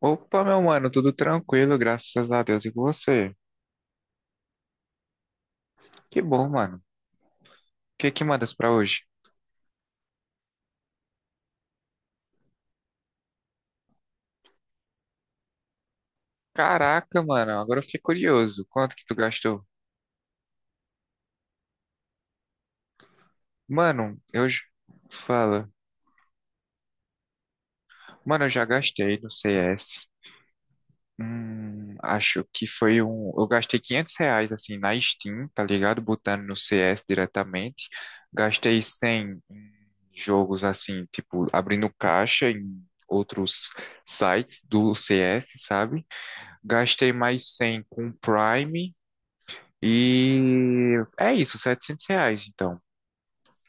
Opa, meu mano, tudo tranquilo, graças a Deus. E com você? Que bom, mano. O que que mandas pra hoje? Caraca, mano, agora eu fiquei curioso. Quanto que tu gastou? Mano, eu... j- Fala. Mano, eu já gastei no CS. Acho que foi Eu gastei R$ 500, assim, na Steam, tá ligado? Botando no CS diretamente. Gastei 100 em jogos, assim, tipo, abrindo caixa em outros sites do CS, sabe? Gastei mais 100 com Prime e é isso, R$ 700 então.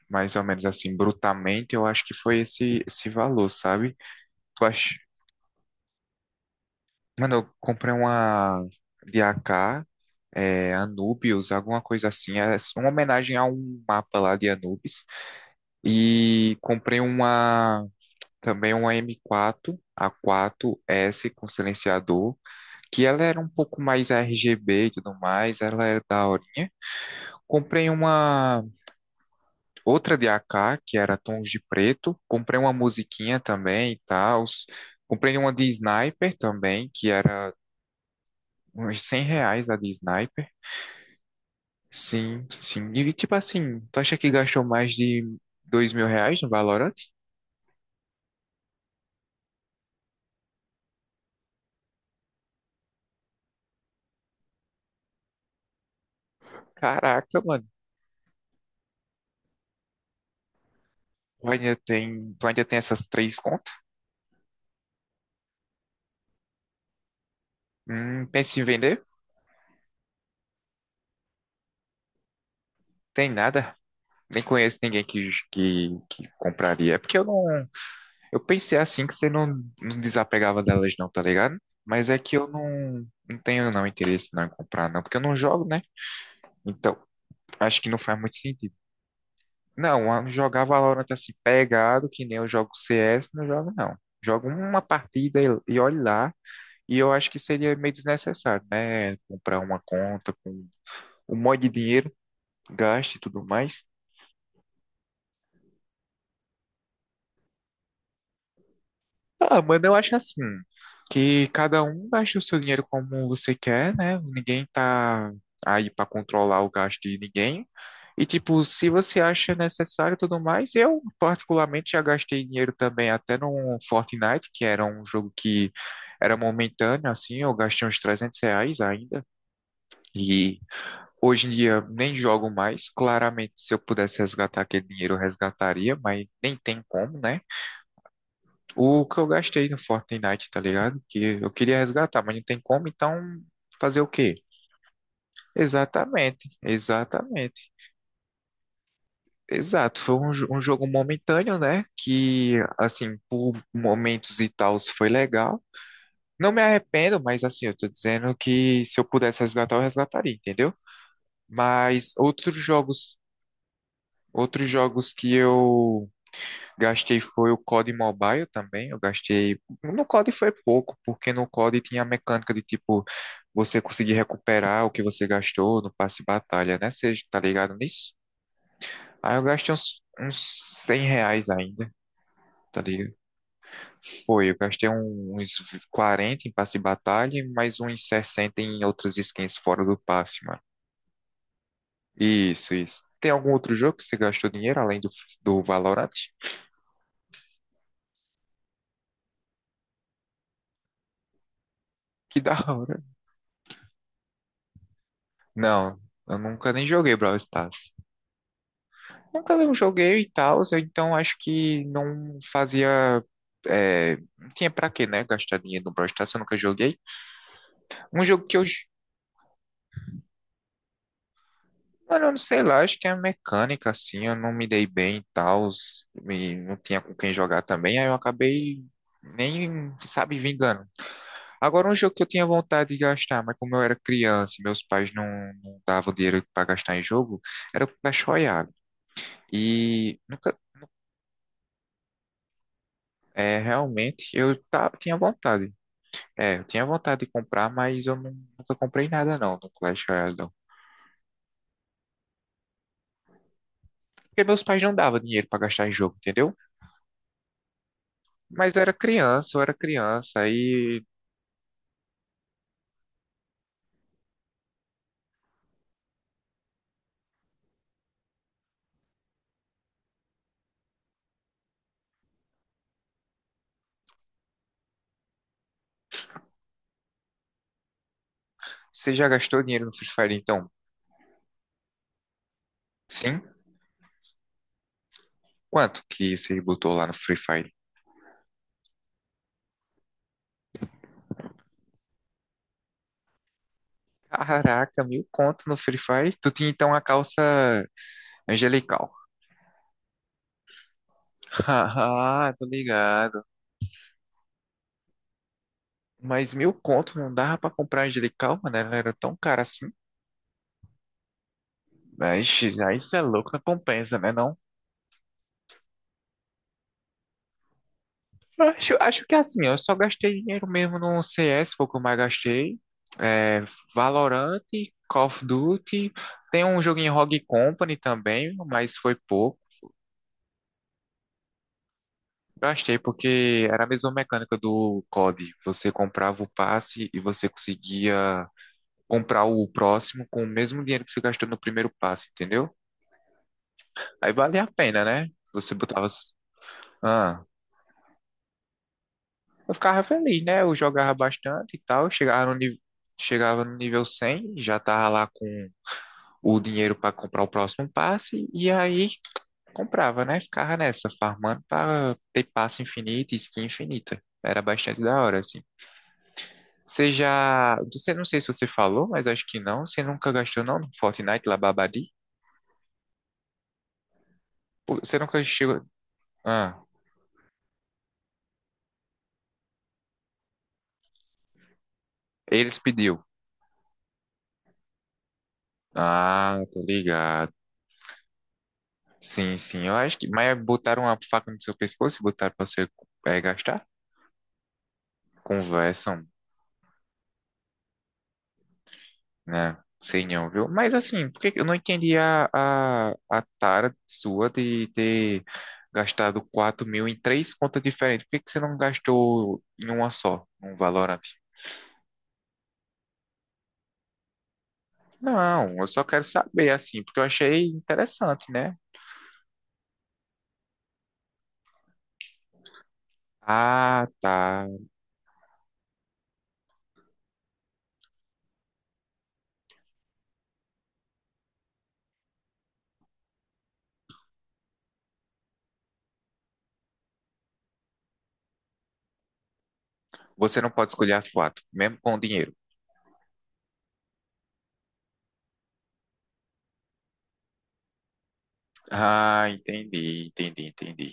Mais ou menos assim, brutamente, eu acho que foi esse valor, sabe? Tu acha... Mano, eu comprei uma de AK, é, Anubius, alguma coisa assim. É uma homenagem a um mapa lá de Anubis. E comprei uma M4, A4S com silenciador, que ela era um pouco mais RGB e tudo mais, ela era da hora. Comprei uma outra de AK, que era Tons de Preto. Comprei uma musiquinha também e tal. Comprei uma de Sniper também, que era uns 100 reais a de Sniper. Sim, sim. E tipo assim, tu acha que gastou mais de R$ 2.000 no Valorant? Caraca, mano. Tu ainda tem essas três contas? Pensa em vender? Tem nada. Nem conheço ninguém que compraria. É porque eu não. Eu pensei assim que você não, não desapegava delas não, tá ligado? Mas é que eu não, não tenho não interesse não em comprar não, porque eu não jogo, né? Então, acho que não faz muito sentido. Não, eu jogar Valorant assim pegado, que nem eu jogo CS, não jogo não. Jogo uma partida e olhe lá, e eu acho que seria meio desnecessário, né? Comprar uma conta com um monte de dinheiro, gasto e tudo mais. Ah, mano, eu acho assim, que cada um gasta o seu dinheiro como você quer, né? Ninguém tá aí pra controlar o gasto de ninguém. E, tipo, se você acha necessário e tudo mais, eu, particularmente, já gastei dinheiro também até no Fortnite, que era um jogo que era momentâneo, assim, eu gastei uns R$ 300 ainda. E hoje em dia nem jogo mais. Claramente, se eu pudesse resgatar aquele dinheiro, eu resgataria, mas nem tem como, né? O que eu gastei no Fortnite, tá ligado? Que eu queria resgatar, mas não tem como, então fazer o quê? Exatamente, exatamente, exato. Foi um jogo momentâneo, né? Que, assim, por momentos e tal, foi legal. Não me arrependo, mas, assim, eu tô dizendo que se eu pudesse resgatar, eu resgataria, entendeu? Mas outros jogos, outros jogos que eu gastei foi o COD Mobile também, eu gastei... No COD foi pouco, porque no COD tinha a mecânica de, tipo, você conseguir recuperar o que você gastou no passe de batalha, né? Você tá ligado nisso? Aí eu gastei uns 100 reais ainda, tá ligado? Foi, eu gastei uns 40 em passe de batalha, e mais uns 60 em outras skins fora do passe, mano. Isso, isso. Tem algum outro jogo que você gastou dinheiro além do Valorant? Que da hora. Não, eu nunca nem joguei Brawl Stars. Nunca eu joguei e tal, então acho que não fazia. É, não tinha pra quê, né? Gastar dinheiro no Brawl Stars, eu nunca joguei. Um jogo que eu. J- Mano, eu não sei lá, acho que é a mecânica, assim, eu não me dei bem e tal, e não tinha com quem jogar também, aí eu acabei nem, sabe, vingando. Agora, um jogo que eu tinha vontade de gastar, mas como eu era criança e meus pais não, não davam dinheiro pra gastar em jogo, era o Clash Royale. E nunca, é, realmente, tinha vontade. É, eu tinha vontade de comprar, mas nunca comprei nada não no Clash Royale, não. Porque meus pais não davam dinheiro pra gastar em jogo, entendeu? Mas eu era criança, aí você já gastou dinheiro no Free Fire, então? Sim? Quanto que você botou lá no Free Fire? Caraca, 1.000 conto no Free Fire? Tu tinha então a calça angelical. Ah, tô ligado. Mas 1.000 conto não dava pra comprar angelical, mano, ela era tão cara assim. Mas aí isso é louco, não compensa, né não? Acho que é assim, eu só gastei dinheiro mesmo no CS, foi o que eu mais gastei. É, Valorant, Call of Duty. Tem um joguinho em Rogue Company também, mas foi pouco. Gastei porque era a mesma mecânica do COD. Você comprava o passe e você conseguia comprar o próximo com o mesmo dinheiro que você gastou no primeiro passe, entendeu? Aí valia a pena, né? Você botava. as- Ah. Eu ficava feliz, né? Eu jogava bastante e tal. Chegava no nível 100 já tava lá com o dinheiro para comprar o próximo passe. E aí comprava, né? Ficava nessa, farmando para ter passe infinito e skin infinita. Era bastante da hora, assim. Você já. Você, não sei se você falou, mas acho que não. Você nunca gastou, não, no Fortnite lá, Babadi? Pô, você nunca chegou. Ah, eles pediu. Ah, tô ligado. Sim, sim, eu acho que. Mas botaram a faca no seu pescoço e botaram pra você gastar? Conversam, né? Sei não, viu? Mas assim, eu não entendi a tara sua de ter gastado 4.000 em três contas diferentes. Por que que você não gastou em uma só, um Valorant? Não, eu só quero saber, assim, porque eu achei interessante, né? Ah, tá. Você não pode escolher as quatro, mesmo com o dinheiro. Ah, entendi.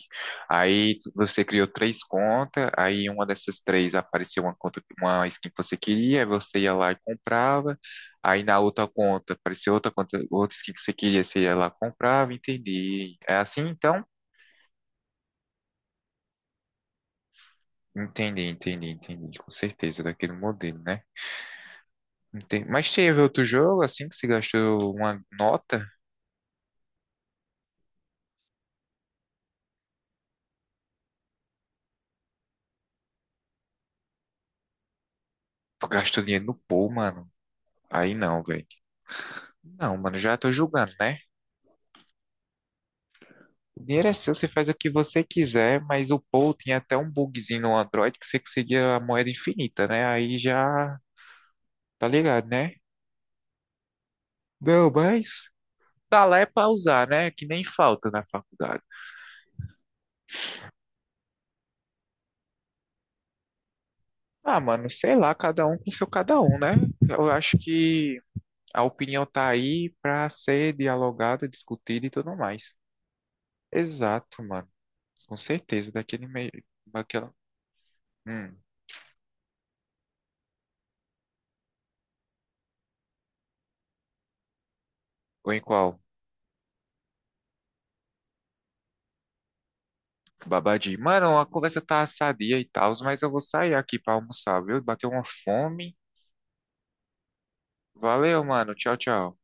Você criou três contas, aí uma dessas três apareceu uma conta, uma skin que você queria, aí você ia lá e comprava. Aí na outra conta apareceu outra conta, outra skin que você queria, você ia lá e comprava, entendi. É assim então? Entendi, com certeza, daquele modelo, né? Entendi. Mas teve outro jogo assim que você gastou uma nota? Tu gastou dinheiro no pool, mano. Aí não, velho. Não, mano, já tô julgando, né? O dinheiro é seu, você faz o que você quiser, mas o Paul tinha até um bugzinho no Android que você conseguia a moeda infinita, né? Aí já tá ligado, né? Não, mas tá lá é pra usar, né? Que nem falta na faculdade. Ah, mano, sei lá, cada um com seu cada um, né? Eu acho que a opinião tá aí pra ser dialogada, discutida e tudo mais. Exato, mano. Com certeza, daquele meio. Daquela... Hum, ou em qual? Babadi, mano, a conversa tá sadia e tal, mas eu vou sair aqui pra almoçar, viu? Bateu uma fome. Valeu, mano. Tchau, tchau.